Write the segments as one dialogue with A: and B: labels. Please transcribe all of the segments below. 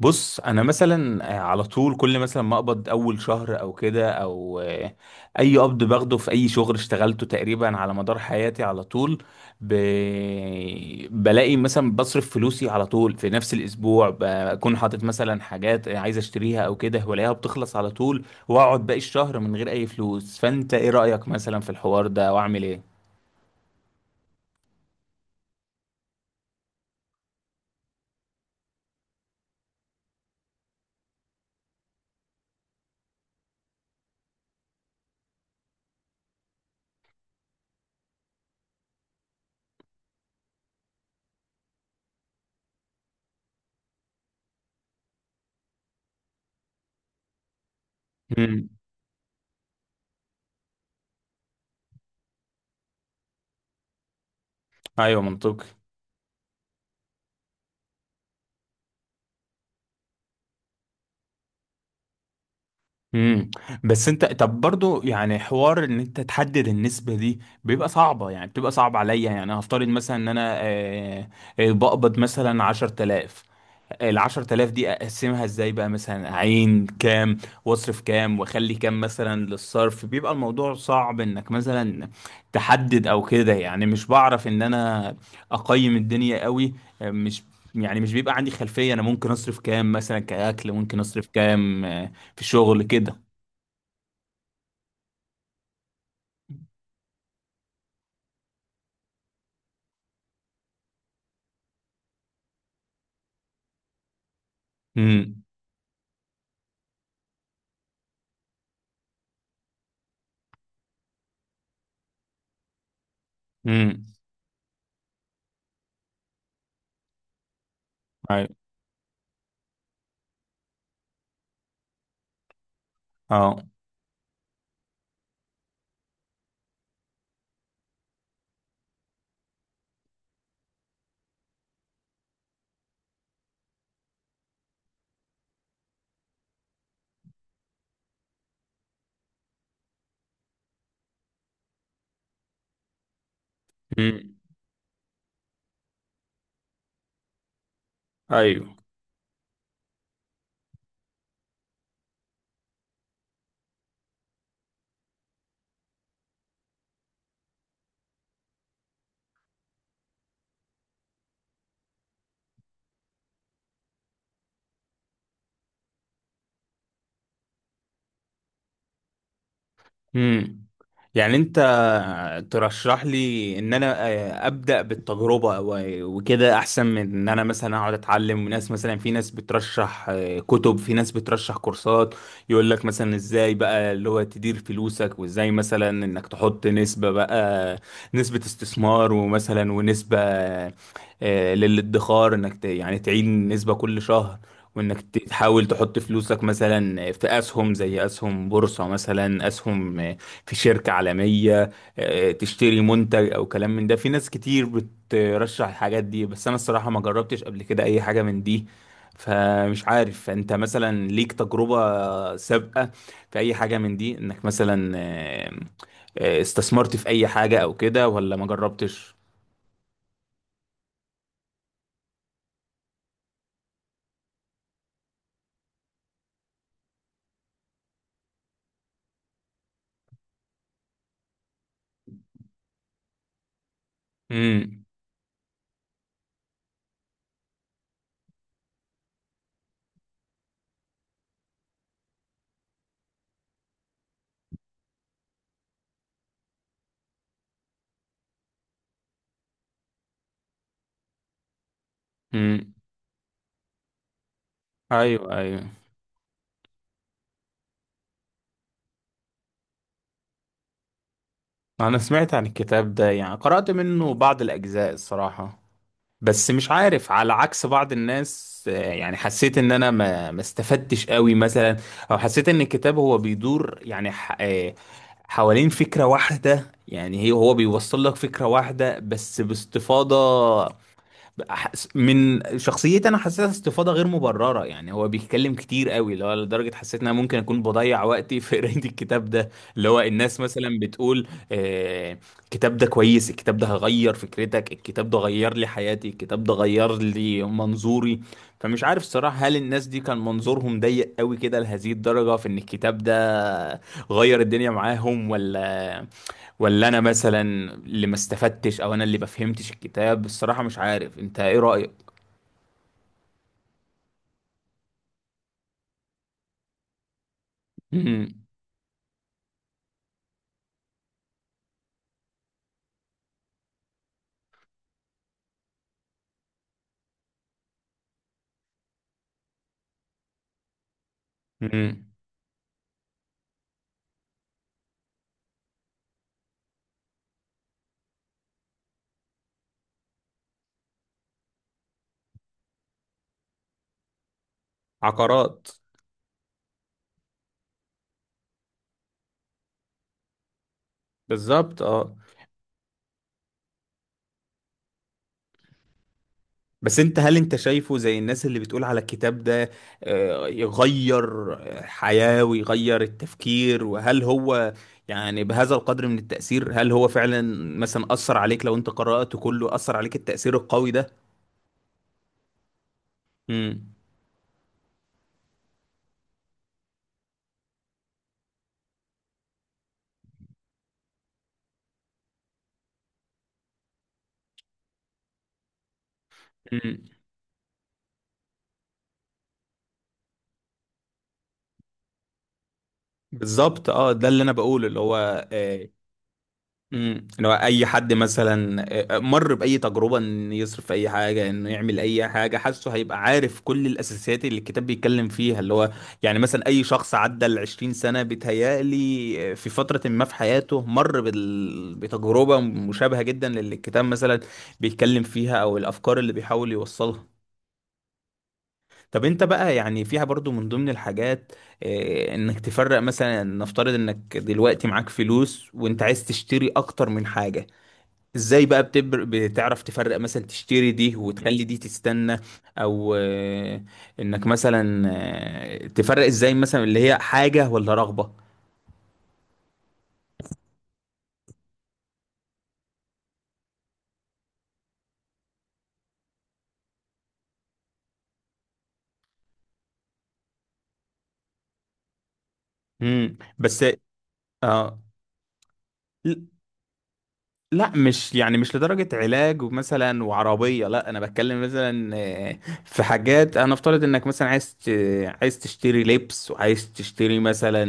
A: بص، انا مثلا على طول كل مثلا ما اقبض اول شهر او كده او آه، اي قبض باخده في اي شغل اشتغلته تقريبا على مدار حياتي على طول. ب... بلاقي مثلا بصرف فلوسي على طول في نفس الاسبوع، بكون حاطط مثلا حاجات عايز اشتريها او كده، والاقيها بتخلص على طول، واقعد باقي الشهر من غير اي فلوس. فانت ايه رأيك مثلا في الحوار ده، واعمل ايه؟ امم. ايوه، منطقي. امم. بس انت، طب برضو يعني حوار ان انت تحدد النسبة دي بيبقى صعبة، يعني بتبقى صعب عليا. يعني هفترض مثلا ان انا بقبض مثلا 10,000. ال 10,000 دي اقسمها ازاي بقى؟ مثلا اعين كام واصرف كام واخلي كام مثلا للصرف؟ بيبقى الموضوع صعب انك مثلا تحدد او كده، يعني مش بعرف ان انا اقيم الدنيا قوي. مش، يعني مش بيبقى عندي خلفية انا ممكن اصرف كام مثلا كأكل، ممكن اصرف كام في الشغل كده. امم. امم. ايوه. اه. امم. ايوه. امم. يعني انت ترشح لي ان انا ابدا بالتجربه وكده احسن من ان انا مثلا اقعد اتعلم، وناس مثلا، في ناس بترشح كتب، في ناس بترشح كورسات يقول لك مثلا ازاي بقى اللي هو تدير فلوسك، وازاي مثلا انك تحط نسبه بقى، نسبه استثمار، ومثلا ونسبه للادخار، انك يعني تعين نسبه كل شهر، وانك تحاول تحط فلوسك مثلا في اسهم، زي اسهم بورصة، مثلا اسهم في شركة عالمية، تشتري منتج او كلام من ده. في ناس كتير بترشح الحاجات دي، بس انا الصراحة ما جربتش قبل كده اي حاجة من دي، فمش عارف انت مثلا ليك تجربة سابقة في اي حاجة من دي، انك مثلا استثمرت في اي حاجة او كده، ولا ما جربتش؟ امم. امم. ايوه. ايوه. انا سمعت عن الكتاب ده، يعني قرأت منه بعض الاجزاء الصراحة، بس مش عارف، على عكس بعض الناس، يعني حسيت ان انا ما استفدتش قوي مثلا، او حسيت ان الكتاب هو بيدور يعني حوالين فكرة واحدة، يعني هو بيوصل لك فكرة واحدة بس باستفاضة. من شخصيتي انا حسيتها استفاضه غير مبرره، يعني هو بيتكلم كتير قوي، اللي هو لدرجه حسيت ان انا ممكن اكون بضيع وقتي في قرايه الكتاب ده، اللي هو الناس مثلا بتقول آه الكتاب ده كويس، الكتاب ده هغير فكرتك، الكتاب ده غير لي حياتي، الكتاب ده غير لي منظوري. فمش عارف الصراحه، هل الناس دي كان منظورهم ضيق قوي كده لهذه الدرجه في ان الكتاب ده غير الدنيا معاهم، ولا انا مثلا اللي ما استفدتش، او انا اللي ما فهمتش الكتاب؟ الصراحة مش عارف، انت ايه رأيك؟ مم. مم. عقارات. بالظبط، اه. بس انت، هل انت شايفه زي الناس اللي بتقول على الكتاب ده يغير الحياة ويغير التفكير؟ وهل هو يعني بهذا القدر من التأثير؟ هل هو فعلا مثلا أثر عليك؟ لو انت قرأته كله، أثر عليك التأثير القوي ده؟ مم. مم. بالظبط، اه، ده اللي انا بقوله، اللي هو. امم. لو اي حد مثلا مر باي تجربه ان يصرف في اي حاجه، انه يعمل اي حاجه، حاسه هيبقى عارف كل الاساسيات اللي الكتاب بيتكلم فيها، اللي هو يعني مثلا اي شخص عدى ال 20 سنه بيتهيألي في فتره ما في حياته مر بتجربه مشابهه جدا للي الكتاب مثلا بيتكلم فيها، او الافكار اللي بيحاول يوصلها. طب انت بقى، يعني فيها برضو من ضمن الحاجات، انك تفرق مثلا، نفترض انك دلوقتي معاك فلوس وانت عايز تشتري اكتر من حاجة، ازاي بقى بتعرف تفرق، مثلا تشتري دي وتخلي دي تستنى، او انك مثلا تفرق ازاي مثلا اللي هي حاجة ولا رغبة؟ امم. بس، اه. لا، مش يعني مش لدرجة علاج ومثلا وعربية، لا انا بتكلم مثلا في حاجات، انا افترض انك مثلا عايز عايز تشتري لبس، وعايز تشتري مثلا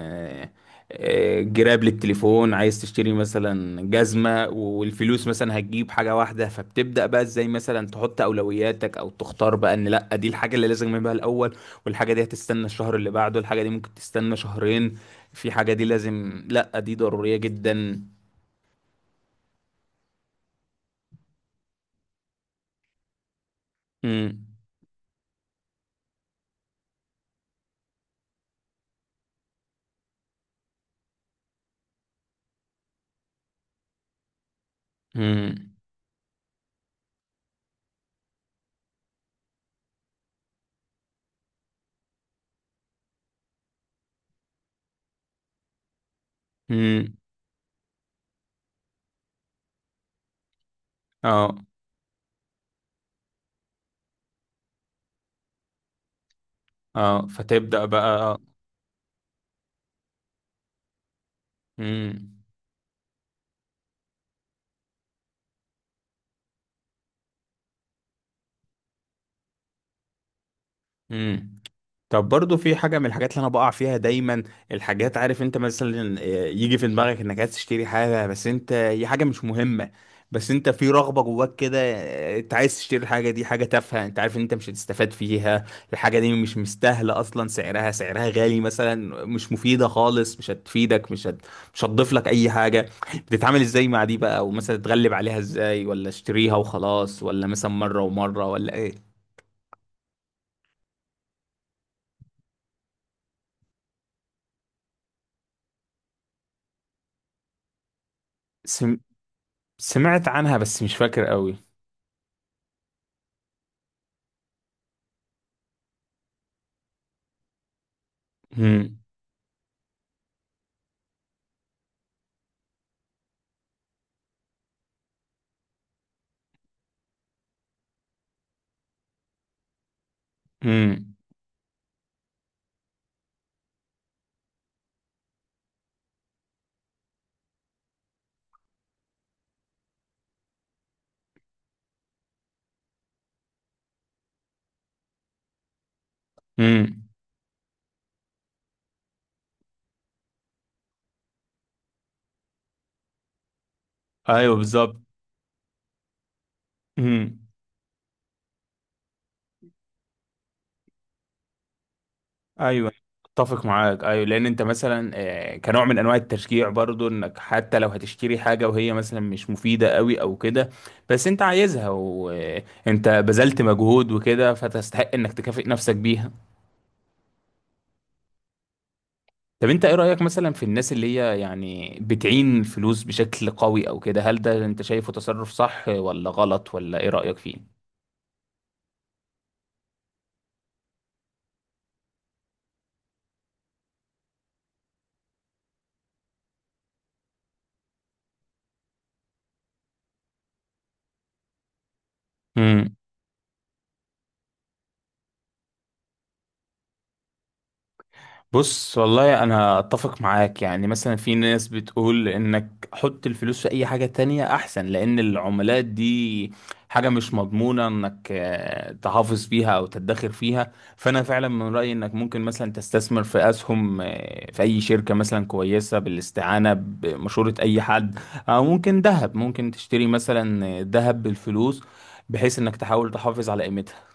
A: آه، جراب للتليفون، عايز تشتري مثلا جزمة، والفلوس مثلا هتجيب حاجة واحدة، فبتبدأ بقى ازاي مثلا تحط اولوياتك او تختار بقى ان لا دي الحاجة اللي لازم اجيبها الاول، والحاجة دي هتستنى الشهر اللي بعده، الحاجة دي ممكن تستنى شهرين، في حاجة دي لازم، لا دي ضرورية جدا. مم. امم. امم. اه. اه، فتبدأ بقى. امم. امم. طب برضو في حاجة من الحاجات اللي أنا بقع فيها دايما، الحاجات، عارف أنت مثلا يجي في دماغك إنك عايز تشتري حاجة بس أنت هي حاجة مش مهمة، بس أنت في رغبة جواك كده، أنت عايز تشتري الحاجة دي، حاجة تافهة، أنت عارف إن أنت مش هتستفاد فيها، الحاجة دي مش مستاهلة أصلا، سعرها غالي مثلا، مش مفيدة خالص، مش هتفيدك، مش هتضيف لك أي حاجة، بتتعامل إزاي مع دي بقى؟ ومثلا تتغلب عليها إزاي؟ ولا اشتريها وخلاص، ولا مثلا مرة ومرة، ولا؟ إيه. سمعت عنها بس مش فاكر قوي. امم. امم. امم. ايوه، بالظبط. امم. ايوه. اتفق معاك، ايوه، لان انت مثلا كنوع من انواع التشجيع برضو، انك حتى لو هتشتري حاجه وهي مثلا مش مفيده قوي او كده، بس انت عايزها وانت بذلت مجهود وكده، فتستحق انك تكافئ نفسك بيها. طب انت ايه رايك مثلا في الناس اللي هي يعني بتعين فلوس بشكل قوي او كده؟ هل ده انت شايفه تصرف صح ولا غلط؟ ولا ايه رايك فيه؟ بص، والله انا اتفق معاك، يعني مثلا في ناس بتقول انك حط الفلوس في اي حاجة تانية احسن، لان العملات دي حاجة مش مضمونة انك تحافظ فيها او تدخر فيها. فانا فعلا من رأيي انك ممكن مثلا تستثمر في اسهم في اي شركة مثلا كويسة، بالاستعانة بمشورة اي حد، او ممكن ذهب، ممكن تشتري مثلا ذهب بالفلوس، بحيث انك تحاول تحافظ على قيمتها.